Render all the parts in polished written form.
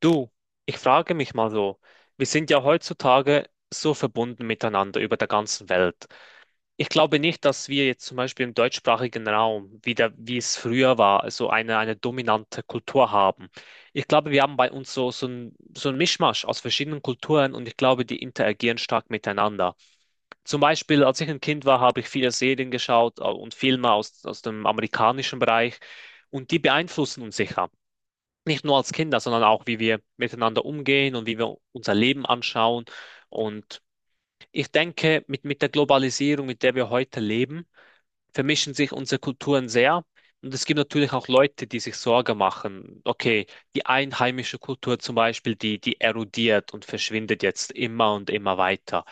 Du, ich frage mich mal so, wir sind ja heutzutage so verbunden miteinander über der ganzen Welt. Ich glaube nicht, dass wir jetzt zum Beispiel im deutschsprachigen Raum, wieder wie es früher war, eine dominante Kultur haben. Ich glaube, wir haben bei uns so ein Mischmasch aus verschiedenen Kulturen und ich glaube, die interagieren stark miteinander. Zum Beispiel, als ich ein Kind war, habe ich viele Serien geschaut und Filme aus dem amerikanischen Bereich und die beeinflussen uns sicher nicht nur als Kinder, sondern auch, wie wir miteinander umgehen und wie wir unser Leben anschauen. Und ich denke, mit der Globalisierung, mit der wir heute leben, vermischen sich unsere Kulturen sehr. Und es gibt natürlich auch Leute, die sich Sorge machen. Okay, die einheimische Kultur zum Beispiel, die erodiert und verschwindet jetzt immer und immer weiter.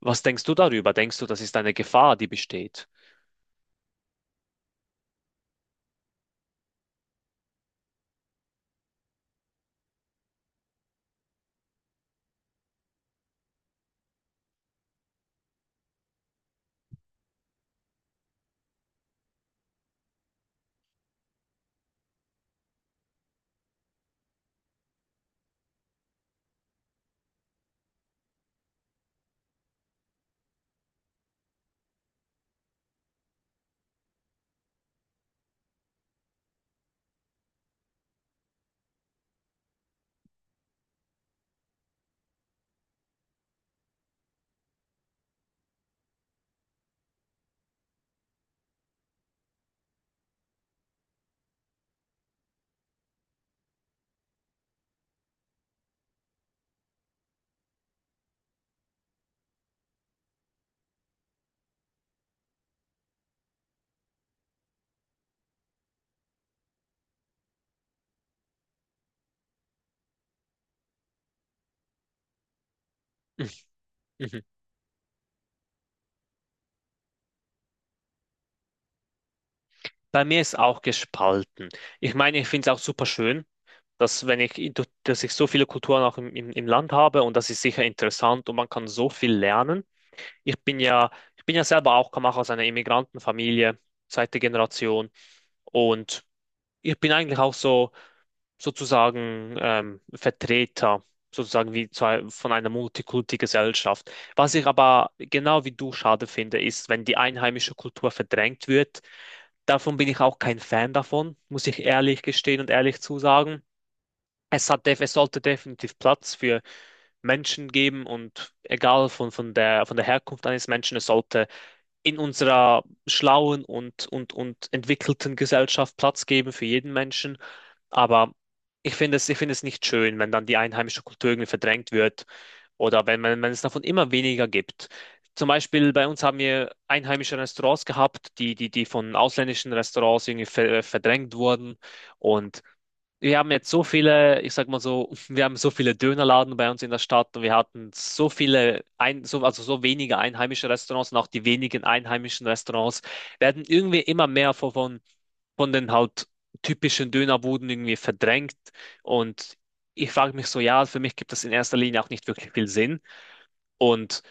Was denkst du darüber? Denkst du, das ist eine Gefahr, die besteht? Mhm. Bei mir ist auch gespalten. Ich meine, ich finde es auch super schön, dass wenn ich, in- dass ich so viele Kulturen auch im Land habe und das ist sicher interessant und man kann so viel lernen. Ich bin ja, ich bin ja selber auch, komme auch aus einer Immigrantenfamilie, zweite Generation und ich bin eigentlich auch so Vertreter, sozusagen wie zwei, von einer Multikulti-Gesellschaft. Was ich aber genau wie du schade finde, ist, wenn die einheimische Kultur verdrängt wird. Davon bin ich auch kein Fan davon, muss ich ehrlich gestehen und ehrlich zusagen. Es sollte definitiv Platz für Menschen geben und egal von der Herkunft eines Menschen, es sollte in unserer schlauen und entwickelten Gesellschaft Platz geben für jeden Menschen. Aber ich finde es nicht schön, wenn dann die einheimische Kultur irgendwie verdrängt wird oder wenn es davon immer weniger gibt. Zum Beispiel bei uns haben wir einheimische Restaurants gehabt, die von ausländischen Restaurants irgendwie verdrängt wurden. Und wir haben jetzt so viele, ich sag mal so, wir haben so viele Dönerladen bei uns in der Stadt und wir hatten so viele, also so wenige einheimische Restaurants und auch die wenigen einheimischen Restaurants werden irgendwie immer mehr von den halt typischen Dönerbuden irgendwie verdrängt. Und ich frage mich so, ja, für mich gibt das in erster Linie auch nicht wirklich viel Sinn. Und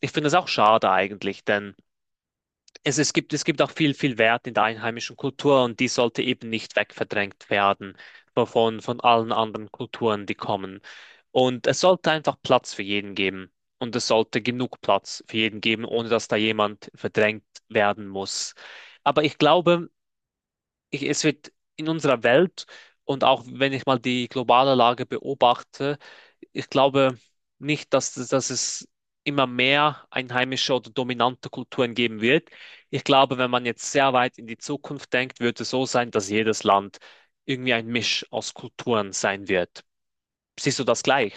ich finde es auch schade eigentlich, denn es gibt auch viel Wert in der einheimischen Kultur und die sollte eben nicht wegverdrängt werden von allen anderen Kulturen, die kommen. Und es sollte einfach Platz für jeden geben. Und es sollte genug Platz für jeden geben, ohne dass da jemand verdrängt werden muss. Aber es wird in unserer Welt und auch wenn ich mal die globale Lage beobachte, ich glaube nicht, dass es immer mehr einheimische oder dominante Kulturen geben wird. Ich glaube, wenn man jetzt sehr weit in die Zukunft denkt, wird es so sein, dass jedes Land irgendwie ein Misch aus Kulturen sein wird. Siehst du das gleich?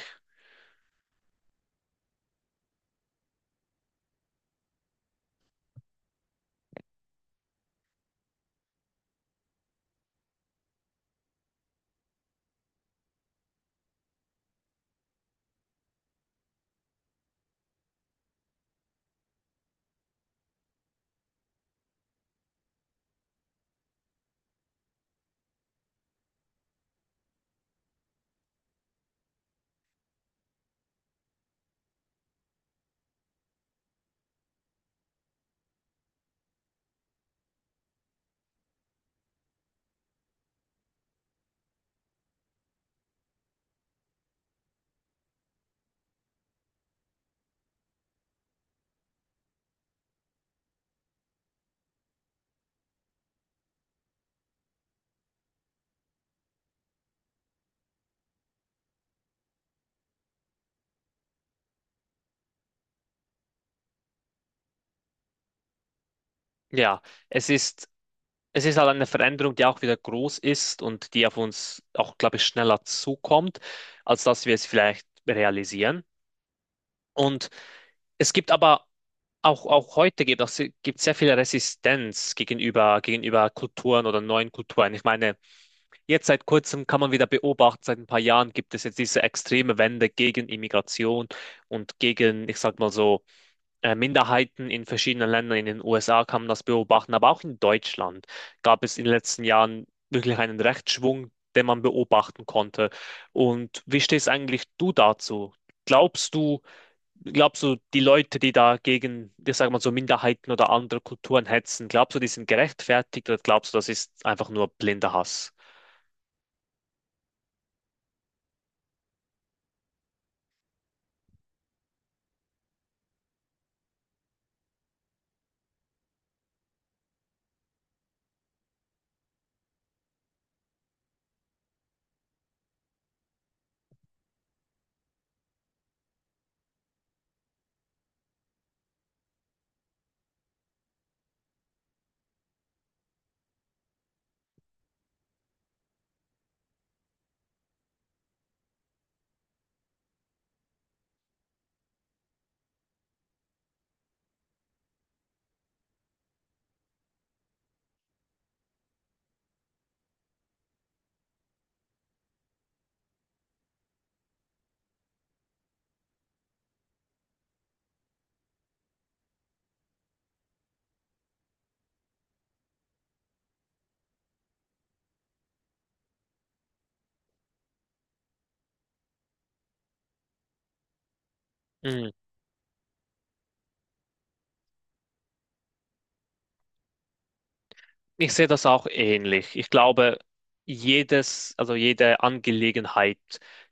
Ja, es ist, es ist halt eine Veränderung, die auch wieder groß ist und die auf uns auch, glaube ich, schneller zukommt, als dass wir es vielleicht realisieren. Und es gibt aber auch, auch heute gibt sehr viel Resistenz gegenüber Kulturen oder neuen Kulturen. Ich meine, jetzt seit kurzem kann man wieder beobachten, seit ein paar Jahren gibt es jetzt diese extreme Wende gegen Immigration und gegen, ich sag mal so, Minderheiten in verschiedenen Ländern. In den USA kann man das beobachten, aber auch in Deutschland gab es in den letzten Jahren wirklich einen Rechtsschwung, den man beobachten konnte. Und wie stehst eigentlich du dazu? Glaubst du, Glaubst du, die Leute, die da gegen, ich sag mal so, Minderheiten oder andere Kulturen hetzen, glaubst du, die sind gerechtfertigt oder glaubst du, das ist einfach nur blinder Hass? Mhm. Ich sehe das auch ähnlich. Ich glaube, jede Angelegenheit,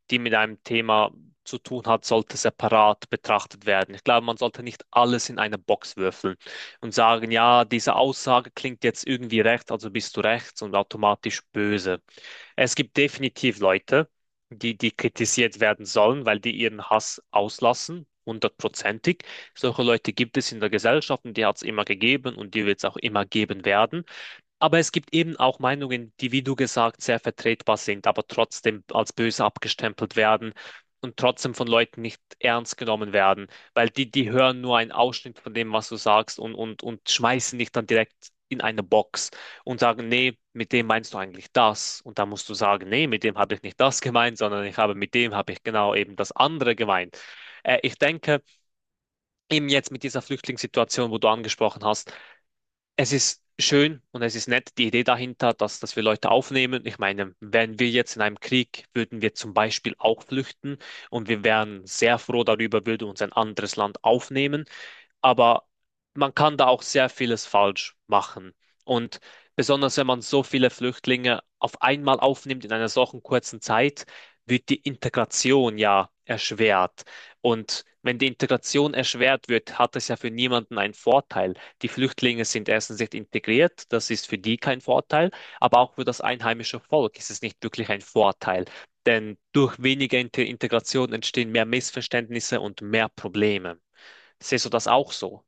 die mit einem Thema zu tun hat, sollte separat betrachtet werden. Ich glaube, man sollte nicht alles in eine Box würfeln und sagen, ja, diese Aussage klingt jetzt irgendwie rechts, also bist du rechts und automatisch böse. Es gibt definitiv Leute, die kritisiert werden sollen, weil die ihren Hass auslassen, hundertprozentig. Solche Leute gibt es in der Gesellschaft und die hat es immer gegeben und die wird es auch immer geben werden. Aber es gibt eben auch Meinungen, die, wie du gesagt, sehr vertretbar sind, aber trotzdem als böse abgestempelt werden und trotzdem von Leuten nicht ernst genommen werden, weil die hören nur einen Ausschnitt von dem, was du sagst und schmeißen dich dann direkt in eine Box und sagen, nee, mit dem meinst du eigentlich das. Und da musst du sagen, nee, mit dem habe ich nicht das gemeint, sondern ich habe mit dem habe ich genau eben das andere gemeint. Ich denke, eben jetzt mit dieser Flüchtlingssituation, wo du angesprochen hast, es ist schön und es ist nett, die Idee dahinter, dass wir Leute aufnehmen. Ich meine, wären wir jetzt in einem Krieg, würden wir zum Beispiel auch flüchten und wir wären sehr froh darüber, würde uns ein anderes Land aufnehmen, aber man kann da auch sehr vieles falsch machen. Und besonders wenn man so viele Flüchtlinge auf einmal aufnimmt in einer solchen kurzen Zeit, wird die Integration ja erschwert. Und wenn die Integration erschwert wird, hat es ja für niemanden einen Vorteil. Die Flüchtlinge sind erstens nicht integriert, das ist für die kein Vorteil, aber auch für das einheimische Volk ist es nicht wirklich ein Vorteil. Denn durch weniger Integration entstehen mehr Missverständnisse und mehr Probleme. Siehst du das auch so?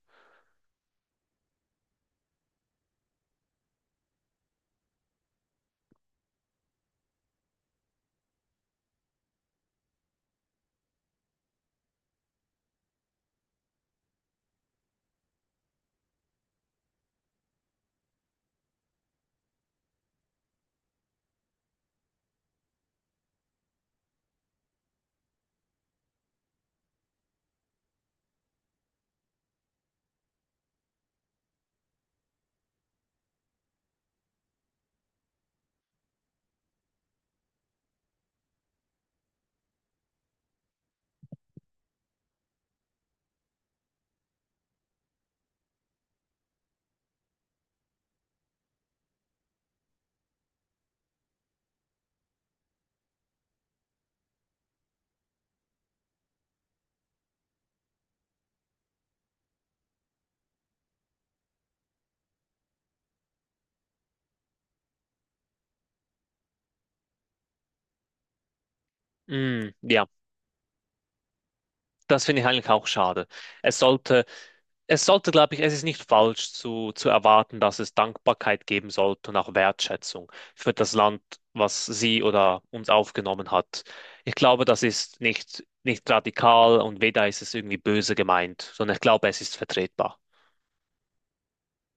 Mm, ja, das finde ich eigentlich auch schade. Es sollte, Es sollte, glaube ich, es ist nicht falsch zu erwarten, dass es Dankbarkeit geben sollte und auch Wertschätzung für das Land, was sie oder uns aufgenommen hat. Ich glaube, das ist nicht radikal und weder ist es irgendwie böse gemeint, sondern ich glaube, es ist vertretbar.